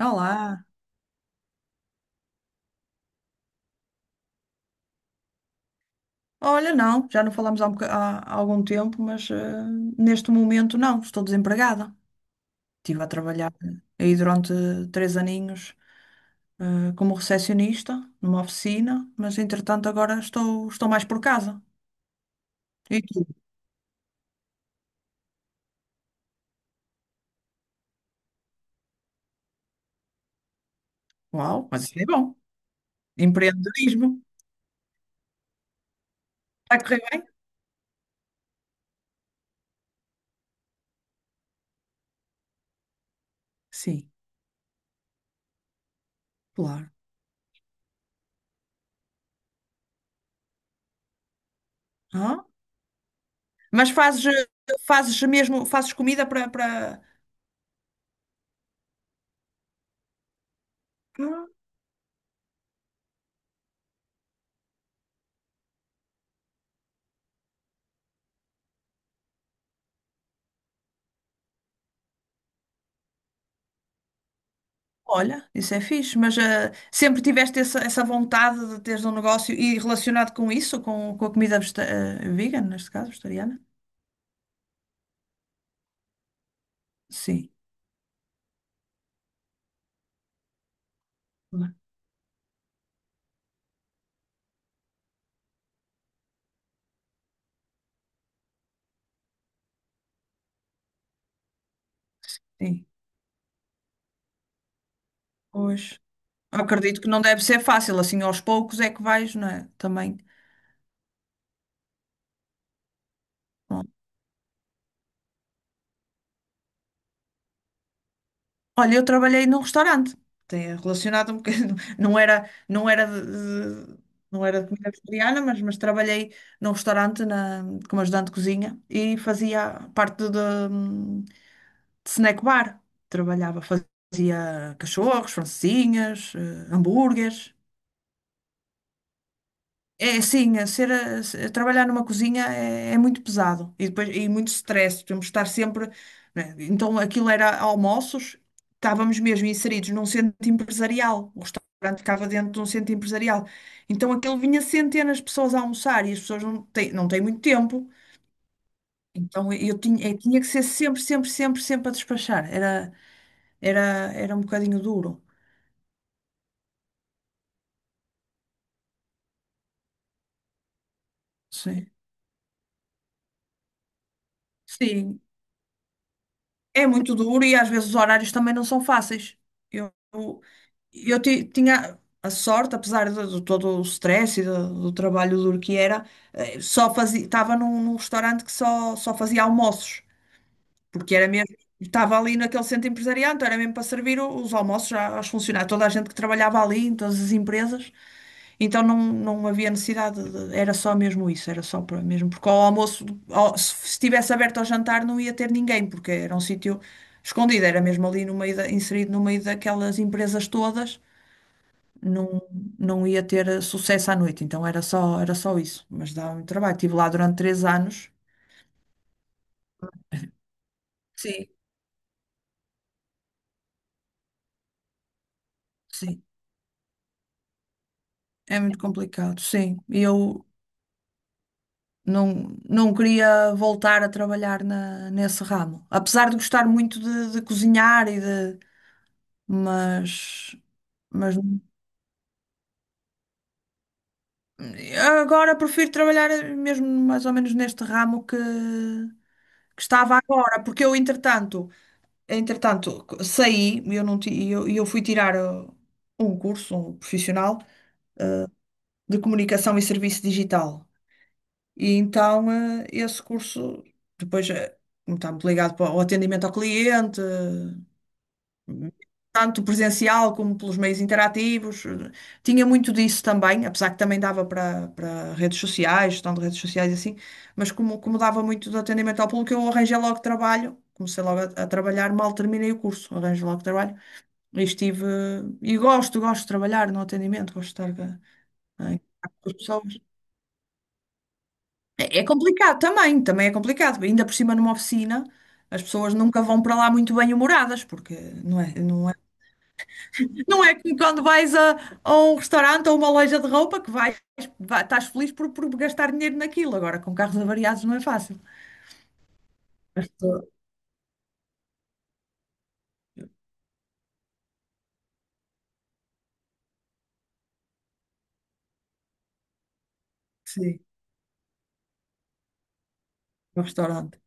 Olá. Olha, não, já não falámos há, há algum tempo, mas neste momento não, estou desempregada. Estive a trabalhar aí durante três aninhos como recepcionista numa oficina, mas entretanto agora estou mais por casa. E tu? Uau, mas isso é bom. Empreendedorismo. Está a correr bem? Sim, claro. Ah, mas fazes, fazes mesmo, fazes comida para... Olha, isso é fixe, mas sempre tiveste essa, essa vontade de teres um negócio e relacionado com isso, com a comida vegan, neste caso, vegetariana? Sim, sim, pois. Acredito que não deve ser fácil, assim aos poucos é que vais, não é? Também. Bom. Olha, eu trabalhei num restaurante, tem relacionado um bocadinho, não era, de- não era de comida vegetariana, mas trabalhei num restaurante na, como ajudante de cozinha e fazia parte de, snack bar. Trabalhava, fazia cachorros, francesinhas, hambúrgueres. É assim, a ser, a- se- a trabalhar numa cozinha é, é muito pesado e depois e muito stress. Temos de estar sempre. Né? Então aquilo era almoços, estávamos mesmo inseridos num centro empresarial. O restaurante ficava dentro de um centro empresarial. Então aquilo vinha centenas de pessoas a almoçar e as pessoas não têm muito tempo. Então eu tinha que ser sempre, sempre, sempre, sempre a despachar. Era, era um bocadinho duro. Sim. Sim, é muito duro e às vezes os horários também não são fáceis. Eu, eu, eu tinha a sorte, apesar de todo o stress e do, do trabalho duro que era, só fazia, estava num, num restaurante que só, só fazia almoços, porque era mesmo, estava ali naquele centro empresarial, então era mesmo para servir o- os almoços já aos funcionários, toda a gente que trabalhava ali, em todas as empresas. Então não, não havia necessidade, de- era só mesmo isso, era só para mesmo, porque ao almoço, ao- se estivesse aberto ao jantar não ia ter ninguém, porque era um sítio escondido, era mesmo ali no meio da- inserido no meio daquelas empresas todas, não, não ia ter sucesso à noite, então era só isso, mas dá muito trabalho, estive lá durante três anos, sim, sim, é muito complicado, sim, e eu não, não queria voltar a trabalhar na, nesse ramo, apesar de gostar muito de cozinhar e de mas, mas agora prefiro trabalhar mesmo mais ou menos neste ramo que estava agora, porque eu, entretanto, entretanto, saí eu, não ti- e eu fui tirar um curso, um profissional, uh, de comunicação e serviço digital. E então, esse curso, depois, como está muito ligado para o atendimento ao cliente, tanto presencial como pelos meios interativos. Tinha muito disso também, apesar que também dava para para redes sociais, gestão de redes sociais e assim, mas como, como dava muito do atendimento ao público, eu arranjei logo trabalho. Comecei logo a trabalhar, mal terminei o curso, arranjo logo trabalho. E estive. E gosto, gosto de trabalhar no atendimento, gosto de estar em contato com as pessoas. É, é complicado também, também é complicado. Ainda por cima numa oficina, as pessoas nunca vão para lá muito bem-humoradas, porque não é, não Não é como quando vais a um restaurante ou uma loja de roupa que vais, vai- estás feliz por gastar dinheiro naquilo. Agora, com carros avariados não é fácil. Mas, tô- sim, no restaurante.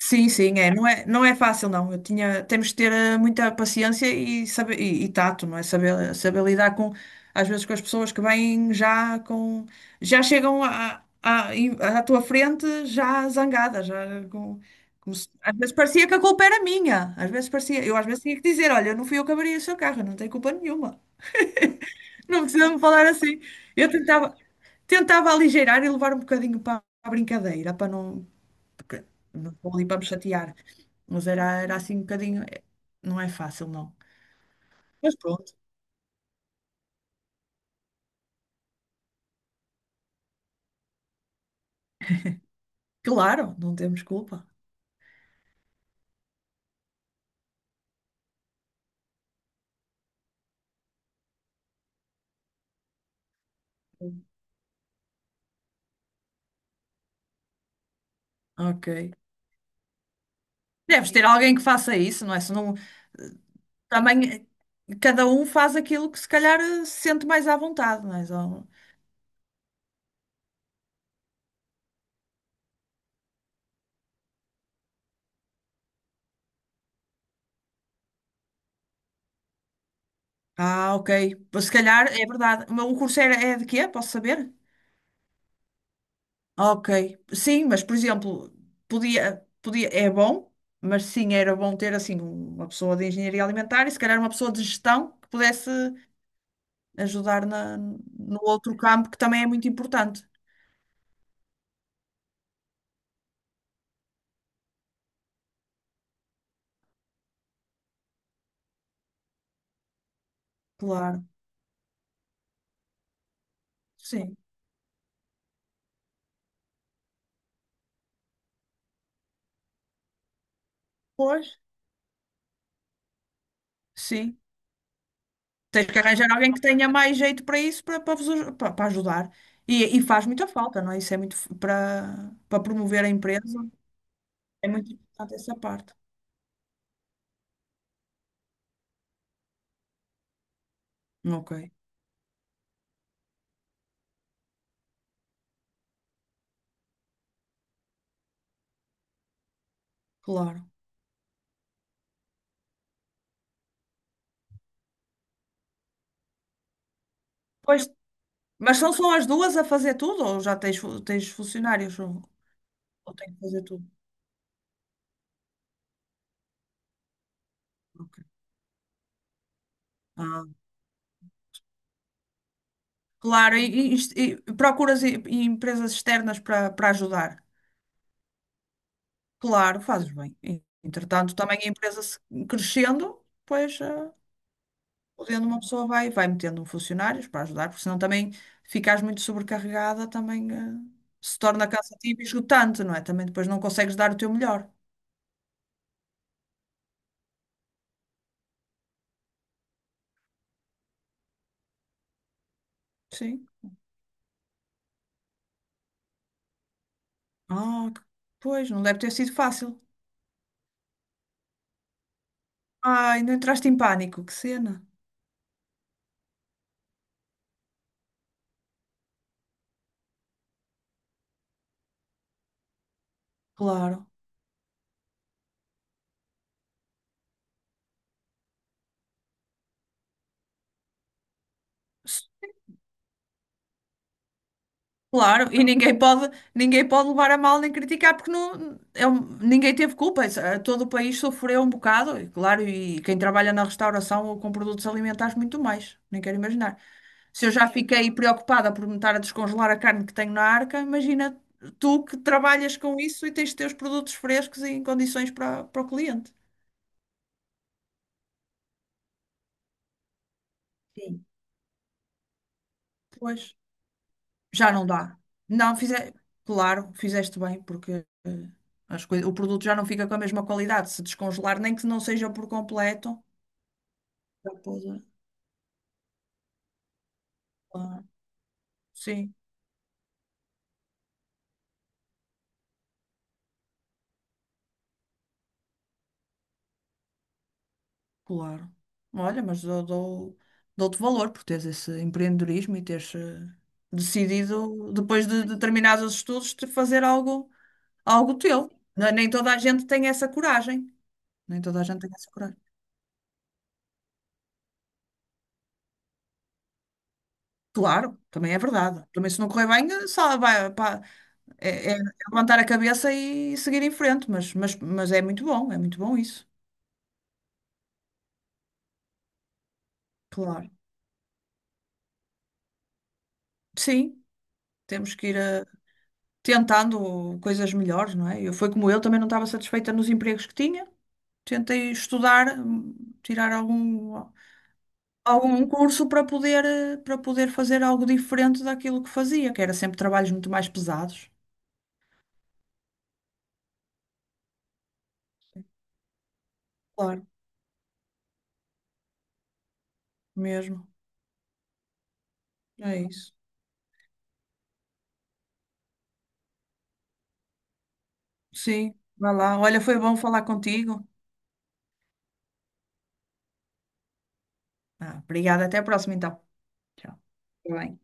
Sim, sim, é. Não é, não é fácil, não. Eu tinha, temos de ter muita paciência e, saber, e tato, não é? Saber, saber lidar com, às vezes, com as pessoas que vêm já com, já chegam à, à, em- à tua frente já zangadas, já com, como se- às vezes parecia que a culpa era minha. Às vezes parecia, eu às vezes tinha que dizer, olha, não fui eu que abri o seu carro, eu não tenho culpa nenhuma. Não precisa me falar assim. Eu tentava, tentava aligeirar e levar um bocadinho para a brincadeira, para não, que- vou ali para me chatear. Mas era, era assim um bocadinho. Não é fácil, não. Mas pronto, claro, não temos culpa. Ok. Deves ter alguém que faça isso, não é? Se não, também cada um faz aquilo que se calhar se sente mais à vontade, não é? Só- Ah, ok. Se calhar é verdade. Mas o curso era, é de quê? Posso saber? Ok. Sim, mas por exemplo, podia, podia, é bom, mas sim, era bom ter assim uma pessoa de engenharia alimentar e se calhar uma pessoa de gestão que pudesse. Ajudar na, no outro campo que também é muito importante. Claro, sim. Pois, sim. Tens que arranjar alguém que tenha mais jeito para isso, para, para, vos aj- para- para ajudar. E faz muita falta, não é? Isso é muito f- para, para promover a empresa. É muito importante essa parte. Ok, claro. Pois, mas são só as duas a fazer tudo ou já tens, fu- tens funcionários ou tens que fazer tudo? Ok. Ah, claro, e- e procuras e empresas externas para, para ajudar. Claro, fazes bem. E, entretanto, também a empresa se- crescendo, pois, podendo uma pessoa vai, vai metendo funcionários para ajudar, porque senão também ficares muito sobrecarregada, também, se torna cansativo e esgotante, não é? Também depois não consegues dar o teu melhor. Sim. Ah, que- pois, não deve ter sido fácil. Ai, não entraste em pânico, que cena. Claro. Claro, e ninguém pode levar a mal nem criticar, porque não, é um- ninguém teve culpa. Isso, todo o país sofreu um bocado, e claro, e quem trabalha na restauração ou com produtos alimentares, muito mais. Nem quero imaginar. Se eu já fiquei preocupada por me estar a descongelar a carne que tenho na arca, imagina tu que trabalhas com isso e tens de ter os produtos frescos e em condições para, para o cliente. Sim. Pois. Já não dá. Não, fize... claro, fizeste bem, porque eh, as coisas... o produto já não fica com a mesma qualidade. Se descongelar, nem que não seja por completo. Já pode- Ah, sim, claro. Olha, mas eu dou, dou-te valor por teres esse empreendedorismo e teres decidido, depois de determinados estudos, de fazer algo, algo teu. Não- é? Nem toda a gente tem essa coragem. Nem toda a gente tem essa coragem. Claro, também é verdade. Também se não correr bem, só vai, pá, é, é é levantar a cabeça e seguir em frente, mas é muito bom isso. Claro. Sim, temos que ir tentando coisas melhores, não é? Eu, foi como eu, também não estava satisfeita nos empregos que tinha. Tentei estudar, tirar algum, algum curso para poder, para poder fazer algo diferente daquilo que fazia, que era sempre trabalhos muito mais pesados. Claro, mesmo. É isso. Sim, vai lá. Olha, foi bom falar contigo. Ah, obrigada, até a próxima então. Tchau. Tá bem.